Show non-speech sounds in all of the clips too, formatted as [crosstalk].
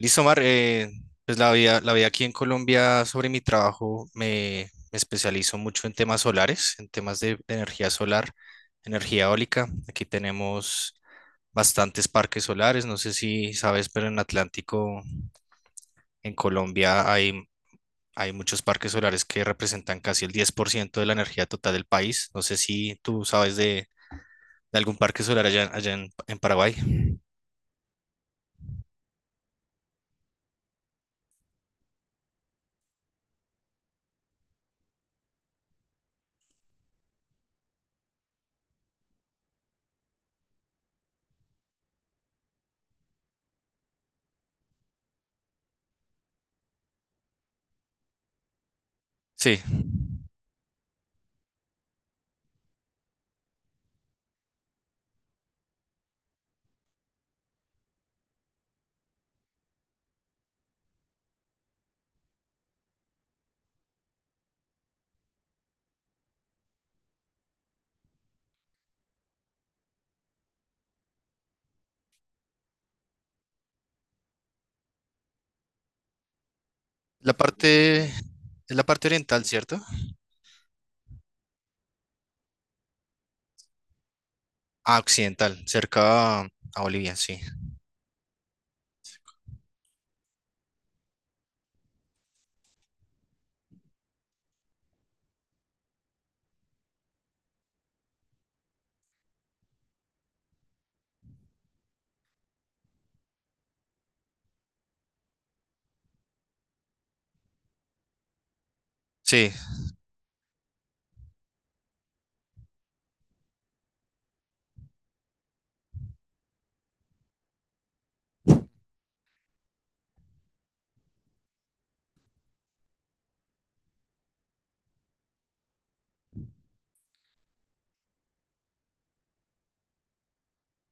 Listo, Mar, pues la vida aquí en Colombia sobre mi trabajo me especializo mucho en temas solares, en temas de energía solar, energía eólica. Aquí tenemos bastantes parques solares, no sé si sabes, pero en Atlántico, en Colombia, hay muchos parques solares que representan casi el 10% de la energía total del país. No sé si tú sabes de algún parque solar allá en Paraguay. Sí, la parte, es la parte oriental, ¿cierto? Ah, occidental, a Bolivia, sí. Sí,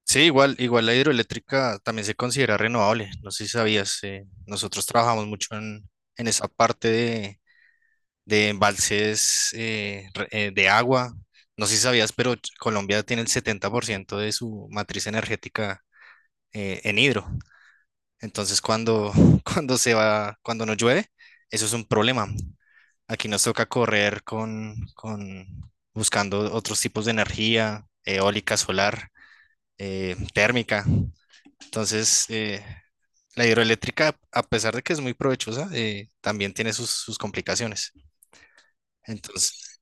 sí, igual la hidroeléctrica también se considera renovable. No sé si sabías, nosotros trabajamos mucho en esa parte de embalses de agua. No sé si sabías, pero Colombia tiene el 70% de su matriz energética en hidro. Entonces, [laughs] cuando se va, cuando no llueve, eso es un problema. Aquí nos toca correr con buscando otros tipos de energía, eólica, solar, térmica. Entonces, la hidroeléctrica, a pesar de que es muy provechosa, también tiene sus complicaciones. Entonces,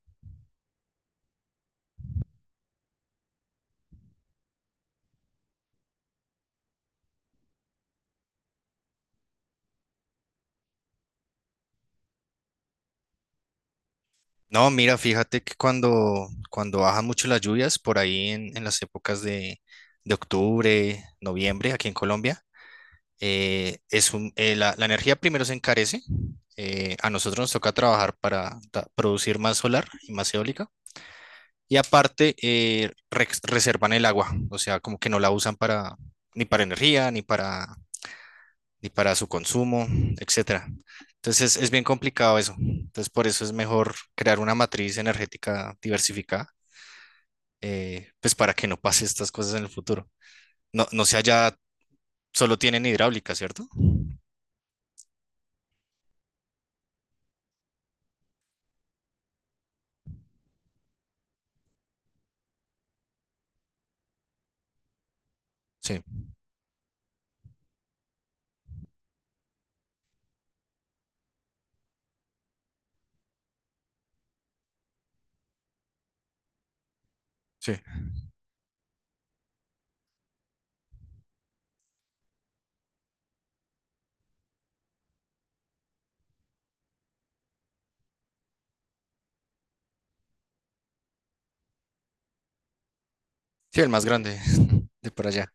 no, mira, fíjate que cuando bajan mucho las lluvias, por ahí en las épocas de octubre, noviembre, aquí en Colombia, es un, la, la, energía primero se encarece. A nosotros nos toca trabajar para producir más solar y más eólica. Y aparte, reservan el agua, o sea, como que no la usan para, ni para energía, ni para su consumo, etcétera. Entonces es bien complicado eso. Entonces por eso es mejor crear una matriz energética diversificada, pues para que no pase estas cosas en el futuro. No, no sea ya, solo tienen hidráulica, ¿cierto? Sí, sí. Sí, el más grande [laughs] de por allá.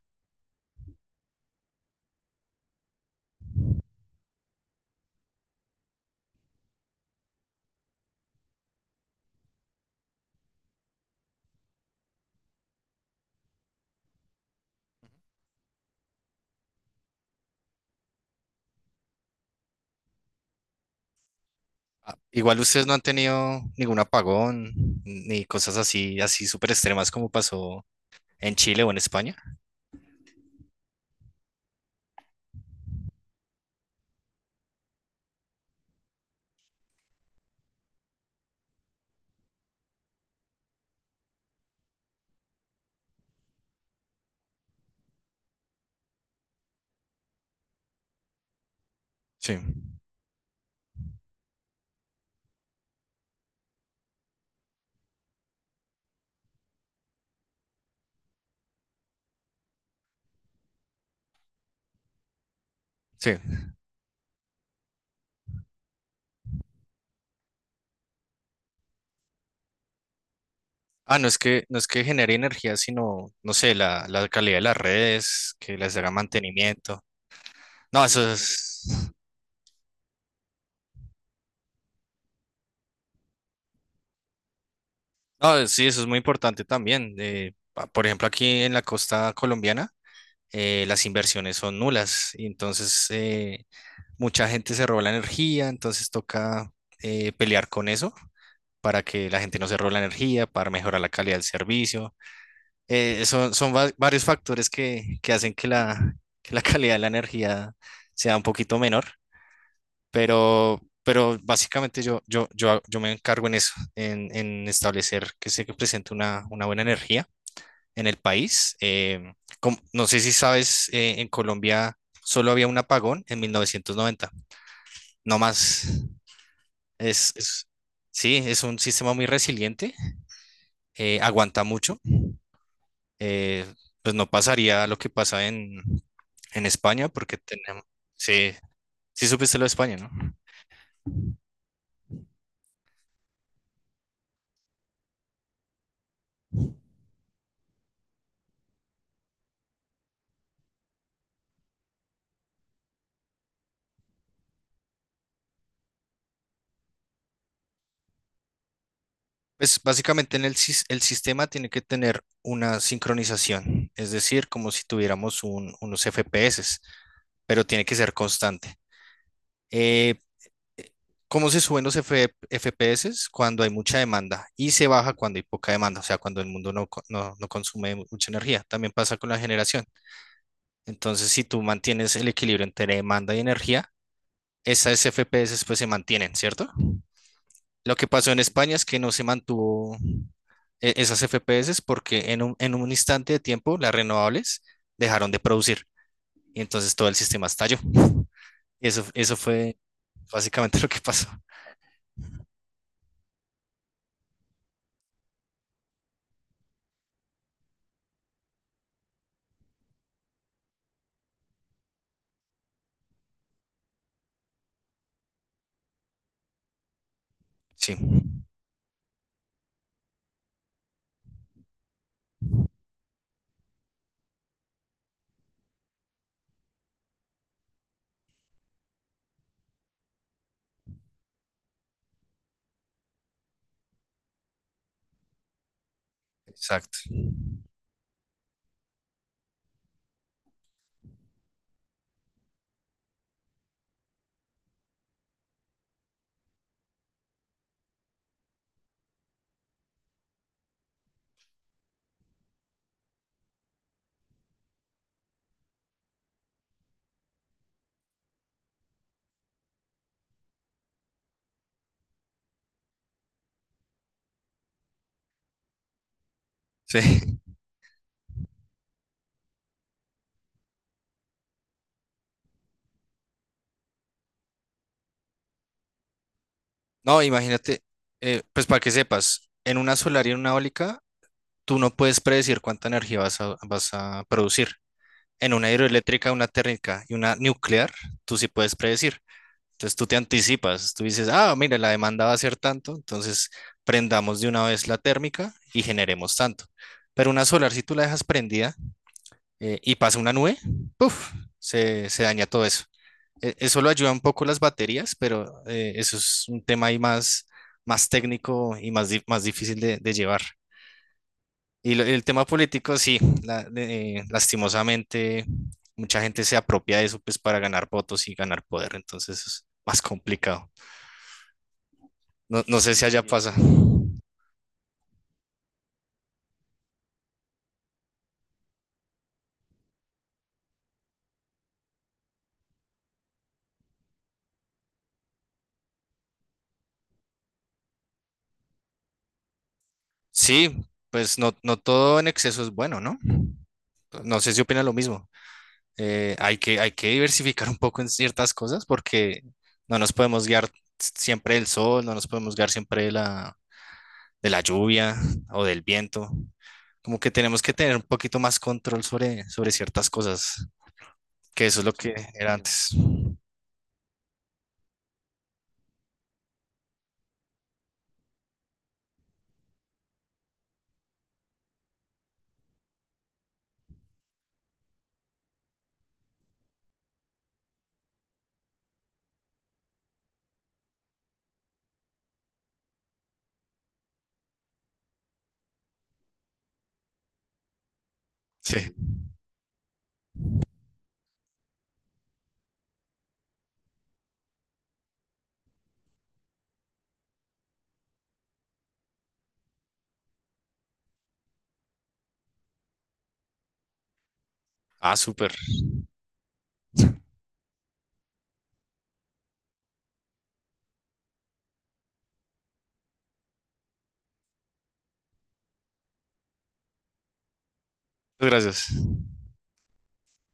Ah, igual ustedes no han tenido ningún apagón ni cosas así, así súper extremas como pasó en Chile o en España. Sí, sí. Ah, no es que, no es que genere energía, sino, no sé, la calidad de las redes, que les haga mantenimiento. No, eso es, no, sí, eso es muy importante también. Por ejemplo, aquí en la costa colombiana, las inversiones son nulas. Y entonces, mucha gente se roba la energía, entonces toca pelear con eso para que la gente no se robe la energía, para mejorar la calidad del servicio. Varios factores que hacen que que la [laughs] calidad de la energía sea un poquito menor, pero básicamente yo me encargo en eso, en establecer que se presente una buena energía en el país. No sé si sabes, en Colombia solo había un apagón en 1990, no más. Es, es- sí, es un sistema muy resiliente, aguanta mucho. eh, pues no pasaría lo que pasa en España, porque tenemos, sí, sí supiste lo de España, ¿no? Pues básicamente en el sistema tiene que tener una sincronización, es decir, como si tuviéramos unos FPS, pero tiene que ser constante. Eh, cómo se suben los FPS cuando hay mucha demanda y se baja cuando hay poca demanda, o sea, cuando el mundo no consume mucha energía. También pasa con la generación. Entonces, si tú mantienes el equilibrio entre demanda y energía, esas FPS pues se mantienen, ¿cierto? Lo que pasó en España es que no se mantuvo esas FPS porque en en un instante de tiempo las renovables dejaron de producir y entonces todo el sistema estalló. Y eso fue básicamente [laughs] lo que pasó. Sí, exacto. Sí. No, imagínate, pues para que sepas, en una solar y en una eólica, tú no puedes predecir cuánta energía vas a producir. En una hidroeléctrica, una térmica y una nuclear, tú sí puedes predecir. Entonces tú te anticipas, tú dices, ah, mira, la demanda va a ser tanto, entonces prendamos de una vez la térmica y generemos tanto. Pero una solar, si tú la dejas prendida y pasa una nube, ¡puf! Se daña todo eso eso lo ayuda un poco las baterías, pero eso es un tema ahí más técnico y más difícil de llevar. Y el tema político, sí, lastimosamente mucha gente se apropia de eso pues para ganar votos y ganar poder, entonces es más complicado. No, no sé si allá sí pasa. Sí, pues no, no todo en exceso es bueno, ¿no? No sé si opina lo mismo. Hay que diversificar un poco en ciertas cosas porque no nos podemos guiar siempre del sol, no nos podemos guiar siempre de de la lluvia o del viento. Como que tenemos que tener un poquito más control sobre ciertas cosas, que eso es lo que era antes. Sí. Ah, súper. Muchas gracias.